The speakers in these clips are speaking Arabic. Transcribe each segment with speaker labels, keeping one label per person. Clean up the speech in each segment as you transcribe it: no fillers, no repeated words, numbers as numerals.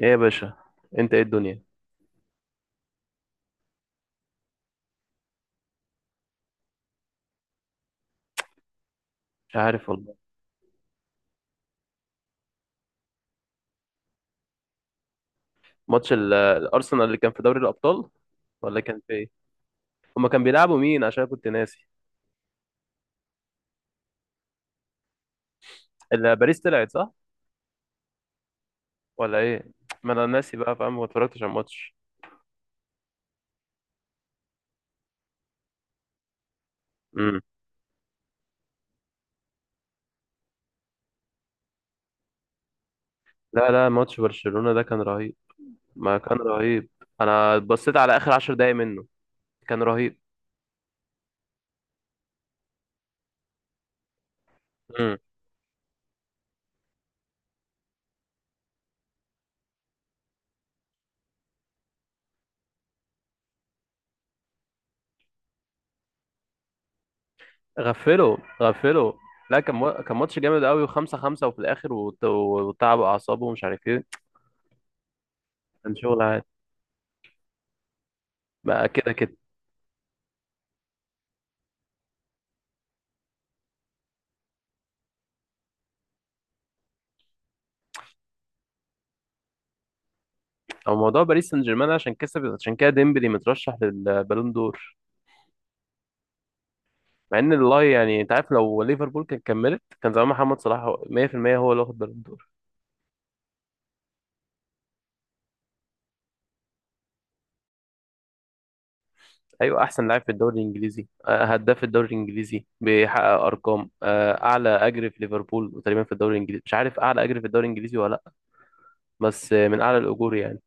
Speaker 1: ايه يا باشا؟ انت ايه الدنيا؟ مش عارف والله. ماتش الارسنال اللي كان في دوري الابطال ولا كان في ايه؟ هما كان بيلعبوا مين؟ عشان أنا كنت ناسي. باريس طلعت صح ولا ايه؟ ما انا ناسي بقى فاهم، ما اتفرجتش على الماتش. امم لا لا، ماتش برشلونة ده كان رهيب. ما كان رهيب؟ انا بصيت على اخر 10 دقايق منه، كان رهيب. امم غفله غفله. لا، كان ماتش جامد قوي وخمسة خمسة، وفي الاخر وتعبوا اعصابه ومش عارف ايه. كان شغل عادي. بقى كده كده. هو موضوع باريس سان جيرمان عشان كسب، عشان كده ديمبلي مترشح للبالون دور، مع ان والله يعني انت عارف لو ليفربول كانت كملت كان زمان محمد صلاح 100% هو اللي واخد بالون دور. ايوه، احسن لاعب في الدوري الانجليزي، هداف الدوري الانجليزي، بيحقق ارقام، اعلى اجر في ليفربول تقريبا، في الدوري الانجليزي مش عارف اعلى اجر في الدوري الانجليزي ولا لا. بس من اعلى الاجور يعني.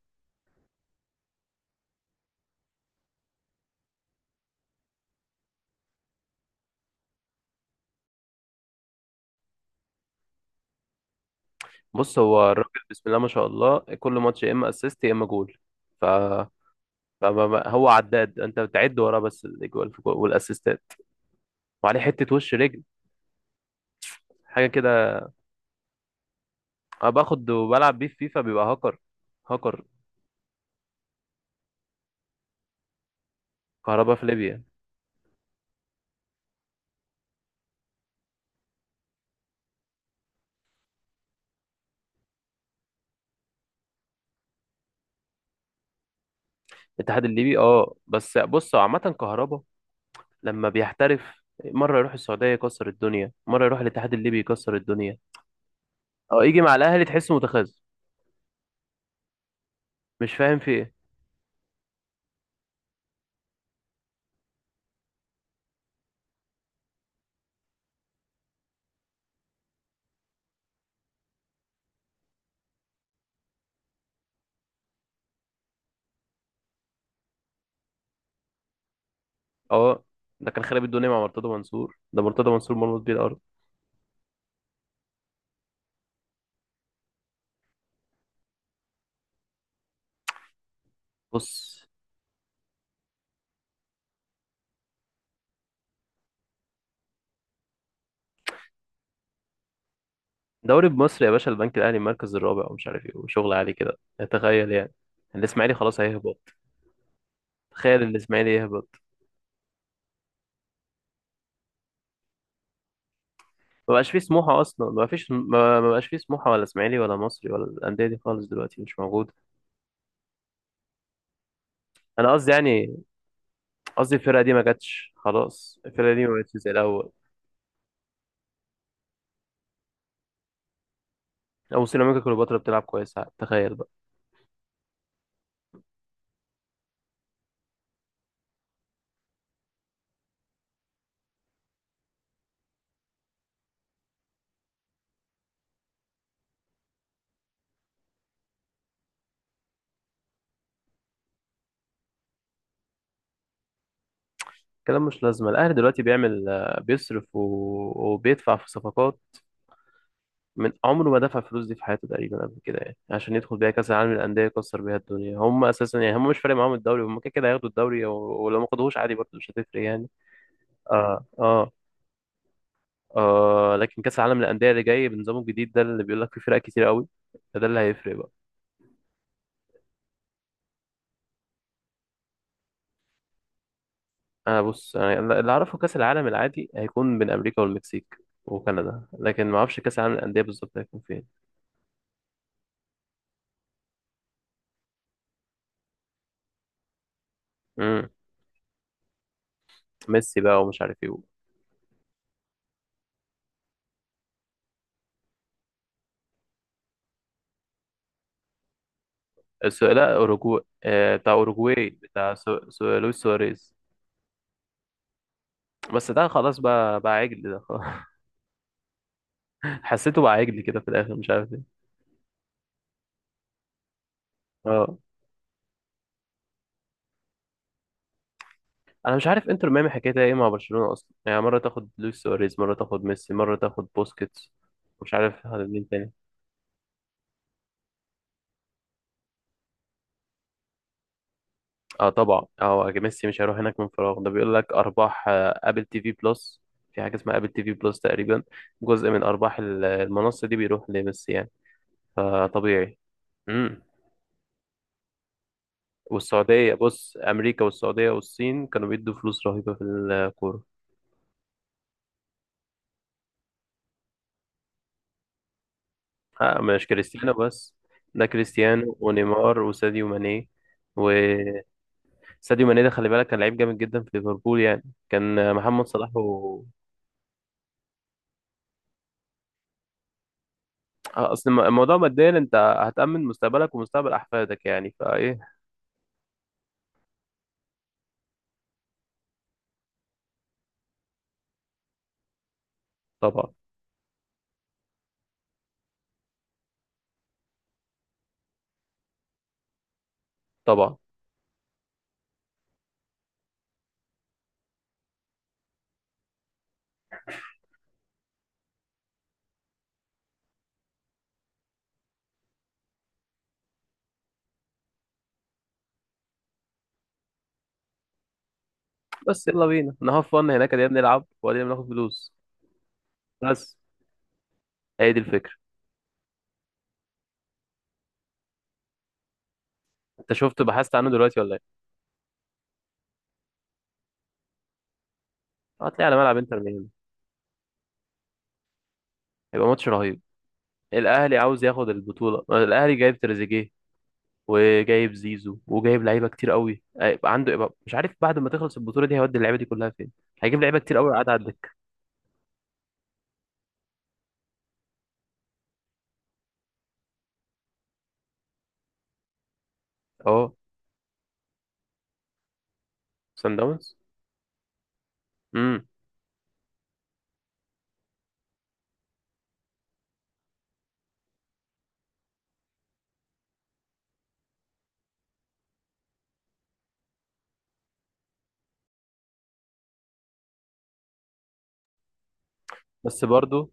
Speaker 1: بص، هو الراجل بسم الله ما شاء الله كل ماتش يا اما اسيست يا اما جول. ف هو عداد انت بتعد وراه بس الاجوال والاسيستات، وعليه حته وش رجل، حاجه كده. انا باخد وبلعب بيه في فيفا بيبقى هاكر، هاكر. كهربا في ليبيا، الاتحاد الليبي. اه بس بص، هو عامه كهربا لما بيحترف، مره يروح السعوديه يكسر الدنيا، مره يروح الاتحاد الليبي يكسر الدنيا، او يجي مع الاهلي تحسه متخاذل. مش فاهم في ايه. اه، ده كان خرب الدنيا مع مرتضى منصور، ده مرتضى منصور مرمط بيه الارض. بص، دوري بمصر يا باشا، البنك الاهلي المركز الرابع ومش عارف ايه وشغل عالي كده. تخيل يعني الاسماعيلي خلاص هيهبط. تخيل الاسماعيلي يهبط. ما بقاش فيه سموحة أصلا، ما فيش، ما بقاش فيه سموحة ولا إسماعيلي ولا مصري ولا الأندية دي خالص دلوقتي مش موجودة. أنا قصدي يعني، قصدي الفرقة دي ما جاتش، خلاص الفرقة دي ما بقتش زي الأول. أو سيراميكا كليوباترا بتلعب كويس، تخيل بقى. كلام مش لازمة. الأهلي دلوقتي بيعمل، بيصرف وبيدفع في صفقات من عمره ما دفع الفلوس دي في حياته تقريبا قبل كده، يعني عشان يدخل بيها كأس العالم للأندية يكسر بيها الدنيا. هم أساسا يعني هم مش فارق معاهم الدوري، هم كده كده هياخدوا الدوري، ولو ما خدوهوش عادي برضه مش هتفرق يعني. اه اه. آه، لكن كأس العالم للأندية اللي جاي بنظامه الجديد ده اللي بيقول لك فيه فرق كتير قوي، ده اللي هيفرق بقى. انا بص، انا اللي اعرفه كأس العالم العادي هيكون بين امريكا والمكسيك وكندا، لكن ما اعرفش كأس العالم للأندية بالظبط هيكون فين. امم ميسي بقى ومش عارف ايه. لا، اوروجواي، بتاع اوروجواي، بتاع لويس سواريز. بس ده خلاص، بقى بقى عجل، ده خلاص. حسيته بقى عجل كده في الاخر، مش عارف ايه. اه، انا مش عارف انتر ميامي حكايتها ايه مع برشلونة اصلا، يعني مرة تاخد لويس سواريز، مرة تاخد ميسي، مرة تاخد بوسكيتس. مش عارف هذا مين تاني. اه طبعا، اه ميسي مش هيروح هناك من فراغ، ده بيقول لك ارباح ابل تي في بلس، في حاجة اسمها ابل تي في بلس تقريبا، جزء من ارباح المنصة دي بيروح لميسي يعني، فطبيعي. امم والسعودية، بص امريكا والسعودية والصين كانوا بيدوا فلوس رهيبة في الكورة. آه، مش كريستيانو بس، ده كريستيانو ونيمار وساديو ماني. ساديو ماني ده خلي بالك كان لعيب جامد جدا في ليفربول يعني، كان محمد صلاح اصل الموضوع ماديا انت هتأمن مستقبلك ومستقبل احفادك يعني، فايه؟ طبعا طبعا. بس يلا بينا انا هفن هناك، يا بنلعب وبعدين بناخد فلوس بس، هي دي الفكره. انت شفت بحثت عنه دلوقتي ولا ايه؟ هتلاقي على ملعب انتر ميامي، هيبقى ماتش رهيب. الاهلي عاوز ياخد البطوله، الاهلي جايب تريزيجيه وجايب زيزو وجايب لعيبه كتير قوي هيبقى عنده، يبقى مش عارف بعد ما تخلص البطوله دي هيودي اللعيبه دي كلها فين. هيجيب لعيبه كتير قوي قاعده على الدكه. اه، سان داونز. امم بس برضو،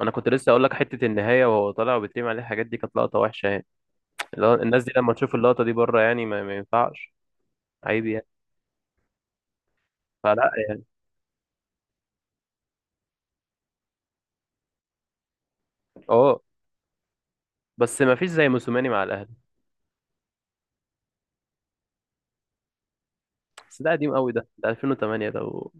Speaker 1: انا كنت لسه اقول لك حته النهايه وهو طالع وبيترمي عليه الحاجات دي، كانت لقطه وحشه يعني. اللي هو الناس دي لما تشوف اللقطه دي بره، يعني ما ينفعش. عيب يعني. فلا يعني. اه، بس ما فيش زي موسوماني مع الاهلي. بس ده قديم قوي، ده 2008 ده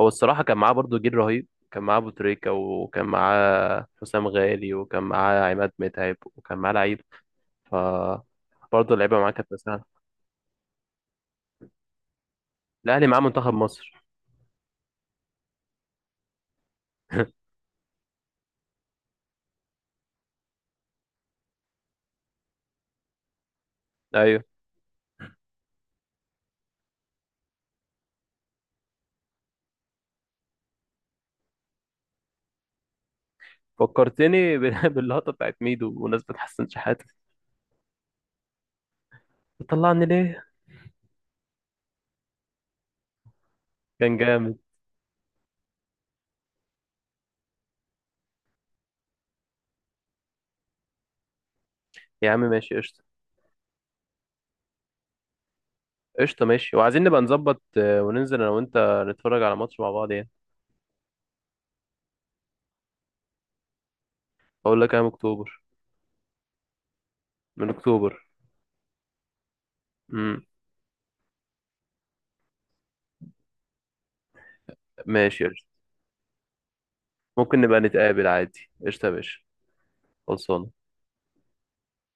Speaker 1: هو الصراحه كان معاه برضو جيل رهيب، كان معاه ابو تريكه وكان معاه حسام غالي وكان معاه عماد متعب وكان معاه لعيب. ف برضه اللعيبه معاه كانت مساعدة، الاهلي معاه منتخب مصر. ايوه، فكرتني باللقطة بتاعت ميدو بمناسبة حسن شحاتة، بتطلعني ليه؟ كان جامد. يا عم ماشي قشطة. قشطة ماشي، وعايزين نبقى نظبط وننزل أنا وأنت نتفرج على ماتش مع بعض يعني. أقول لك أيام أكتوبر، من أكتوبر. امم ماشي قشطة. ممكن نبقى نتقابل عادي، قشطة يا باشا، خلصانة.